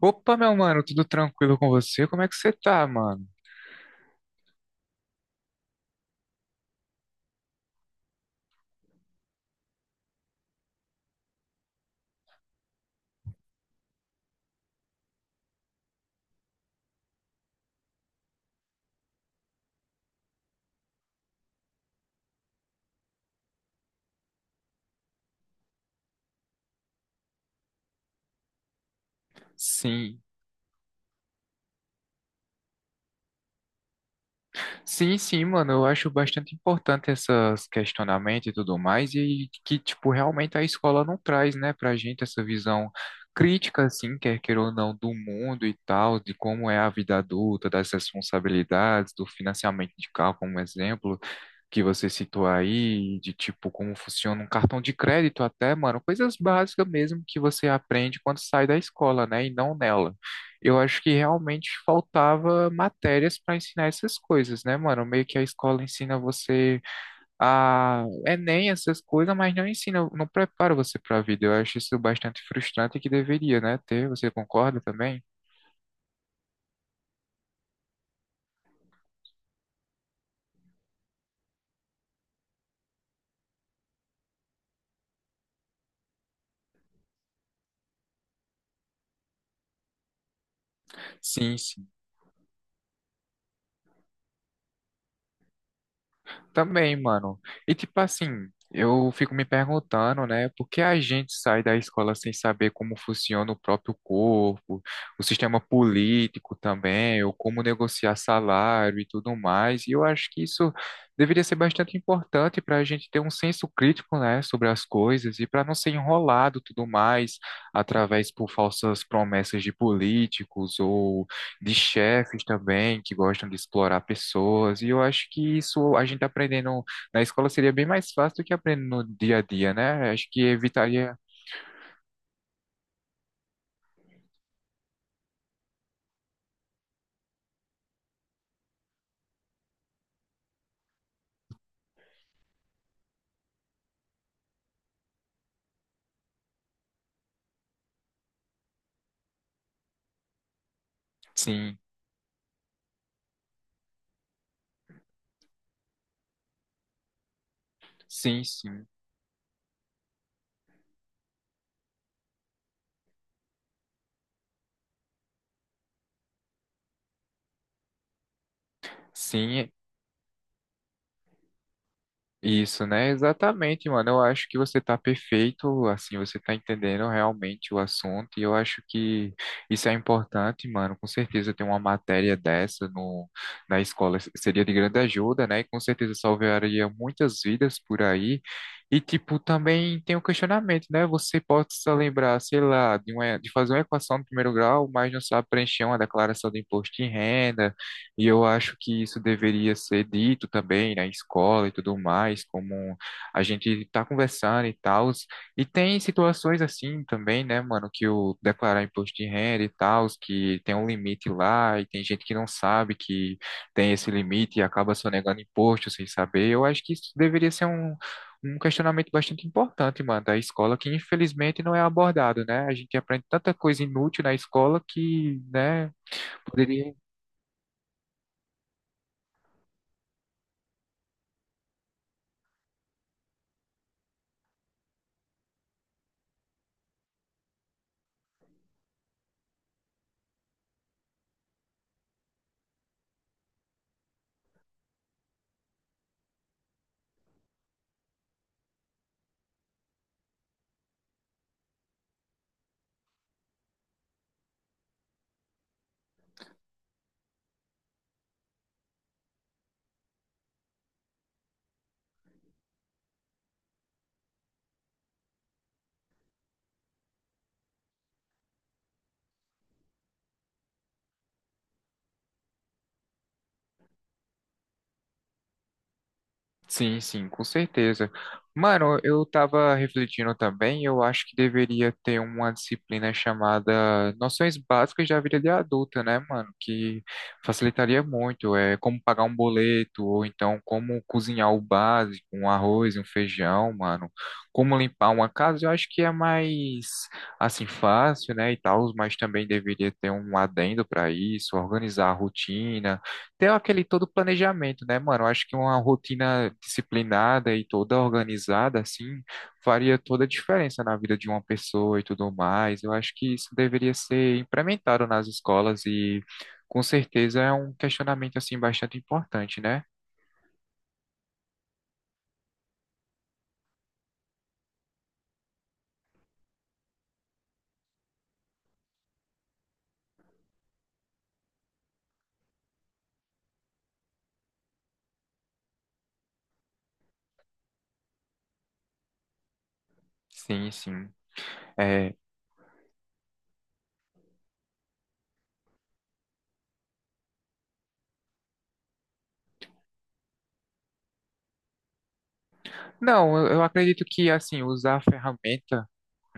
Opa, meu mano, tudo tranquilo com você? Como é que você tá, mano? Sim, sim, sim, mano, eu acho bastante importante esses questionamentos e tudo mais, e que, tipo, realmente a escola não traz, né, pra gente essa visão crítica, assim, quer queira ou não, do mundo e tal, de como é a vida adulta, das responsabilidades, do financiamento de carro, como exemplo, que você citou aí, de tipo como funciona um cartão de crédito até, mano, coisas básicas mesmo que você aprende quando sai da escola, né, e não nela. Eu acho que realmente faltava matérias para ensinar essas coisas, né, mano? Meio que a escola ensina você a Enem, essas coisas, mas não ensina, não prepara você para a vida. Eu acho isso bastante frustrante e que deveria, né, ter. Você concorda também? Sim, sim. Também, mano. E tipo assim, eu fico me perguntando, né, por que a gente sai da escola sem saber como funciona o próprio corpo, o sistema político também, ou como negociar salário e tudo mais. E eu acho que isso deveria ser bastante importante para a gente ter um senso crítico, né, sobre as coisas e para não ser enrolado tudo mais através por falsas promessas de políticos ou de chefes também que gostam de explorar pessoas, e eu acho que isso a gente aprendendo na escola seria bem mais fácil do que aprendendo no dia a dia, né? Acho que evitaria, sim, sim, sim. Sim, isso, né? Exatamente, mano. Eu acho que você tá perfeito, assim, você tá entendendo realmente o assunto, e eu acho que isso é importante, mano. Com certeza ter uma matéria dessa no, na escola seria de grande ajuda, né? E com certeza salvaria muitas vidas por aí. E, tipo, também tem um questionamento, né? Você pode se lembrar, sei lá, de, uma, de fazer uma equação de primeiro grau, mas não sabe preencher uma declaração de imposto de renda, e eu acho que isso deveria ser dito também na escola e tudo mais, como a gente está conversando e tal. E tem situações assim também, né, mano, que o declarar imposto de renda e tal, que tem um limite lá e tem gente que não sabe que tem esse limite e acaba sonegando imposto sem saber. Eu acho que isso deveria ser um questionamento bastante importante, mano, da escola, que infelizmente não é abordado, né? A gente aprende tanta coisa inútil na escola que, né, poderia. Sim, sim, com certeza. Mano, eu tava refletindo também, eu acho que deveria ter uma disciplina chamada Noções Básicas da Vida de Adulta, né, mano? Que facilitaria muito, é como pagar um boleto, ou então como cozinhar o básico, um arroz, um feijão, mano. Como limpar uma casa, eu acho que é mais, assim, fácil, né, e tal, mas também deveria ter um adendo para isso, organizar a rotina, ter aquele todo planejamento, né, mano? Eu acho que uma rotina disciplinada e toda organizada, assim, faria toda a diferença na vida de uma pessoa e tudo mais. Eu acho que isso deveria ser implementado nas escolas e, com certeza, é um questionamento, assim, bastante importante, né? Sim, sim. É, não, eu acredito que, assim, usar ferramentas.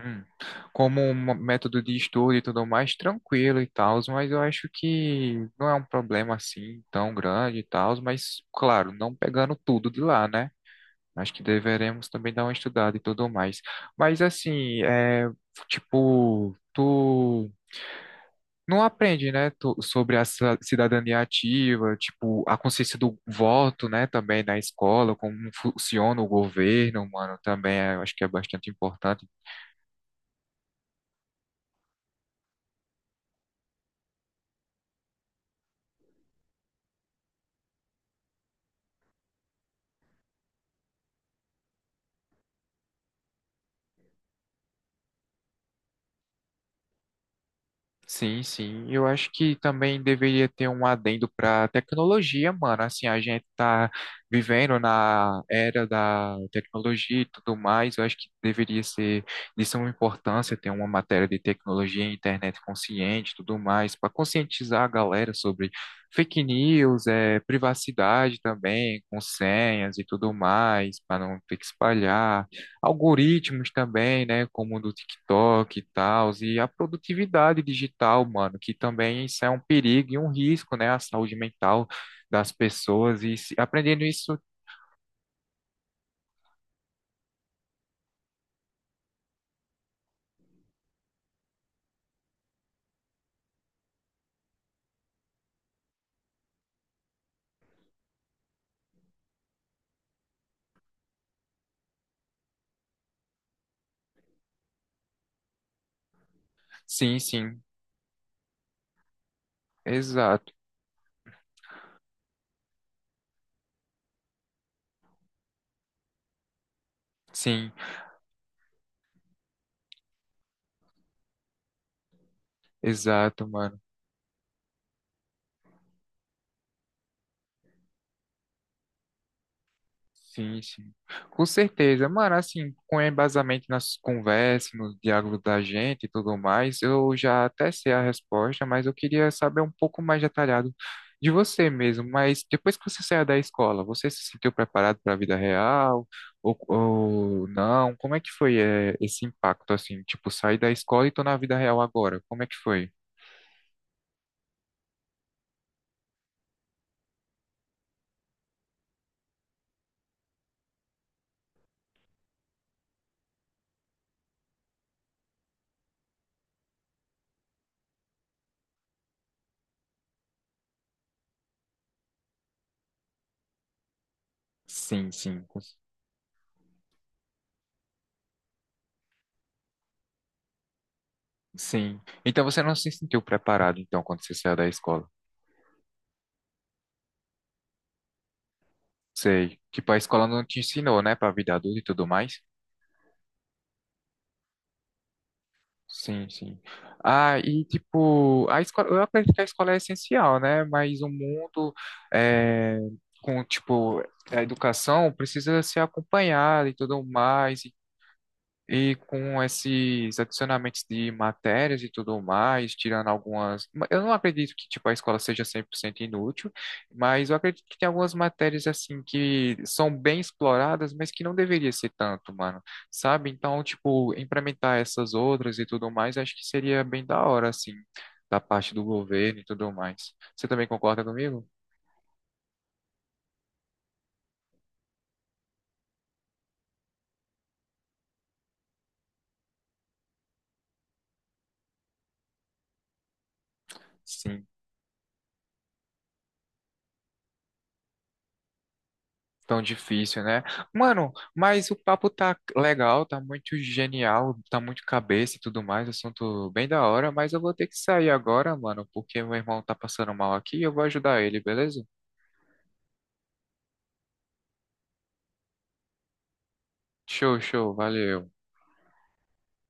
Hum. Como um método de estudo e tudo mais, tranquilo e tal, mas eu acho que não é um problema assim tão grande e tal, mas claro, não pegando tudo de lá, né? Acho que deveremos também dar uma estudada e tudo mais. Mas assim, é, tipo, tu não aprende, né, sobre a cidadania ativa, tipo, a consciência do voto, né, também na escola, como funciona o governo, mano, também eu acho que é bastante importante. Sim, sim. Eu acho que também deveria ter um adendo para tecnologia, mano. Assim, a gente tá vivendo na era da tecnologia e tudo mais. Eu acho que deveria ser de suma importância ter uma matéria de tecnologia, internet consciente, e tudo mais, para conscientizar a galera sobre fake news, é, privacidade também, com senhas e tudo mais, para não ter que espalhar algoritmos também, né, como o do TikTok e tal, e a produtividade digital, mano, que também isso é um perigo e um risco, né, à saúde mental das pessoas e aprendendo isso, sim, exato, sim, exato, mano. Sim, sim. Com certeza. Mano, assim, com embasamento nas conversas, nos diálogos da gente e tudo mais, eu já até sei a resposta, mas eu queria saber um pouco mais detalhado de você mesmo. Mas depois que você saiu da escola, você se sentiu preparado para a vida real ou não? Como é que foi, esse impacto, assim? Tipo, sair da escola e tô na vida real agora. Como é que foi? Sim, sim, sim. Então você não se sentiu preparado, então, quando você saiu da escola? Sei. Tipo, a escola não te ensinou, né, pra vida adulta e tudo mais. Sim, sim. Ah, e tipo, a escola, eu acredito que a escola é essencial, né? Mas o mundo é, com, tipo, a educação precisa ser acompanhada e tudo mais. E com esses adicionamentos de matérias e tudo mais, tirando algumas. Eu não acredito que tipo, a escola seja 100% inútil, mas eu acredito que tem algumas matérias assim que são bem exploradas, mas que não deveria ser tanto, mano. Sabe? Então, tipo, implementar essas outras e tudo mais, acho que seria bem da hora, assim, da parte do governo e tudo mais. Você também concorda comigo? Sim. Tão difícil, né? Mano, mas o papo tá legal, tá muito genial, tá muito cabeça e tudo mais, assunto bem da hora, mas eu vou ter que sair agora, mano, porque meu irmão tá passando mal aqui e eu vou ajudar ele, beleza? Show, show, valeu.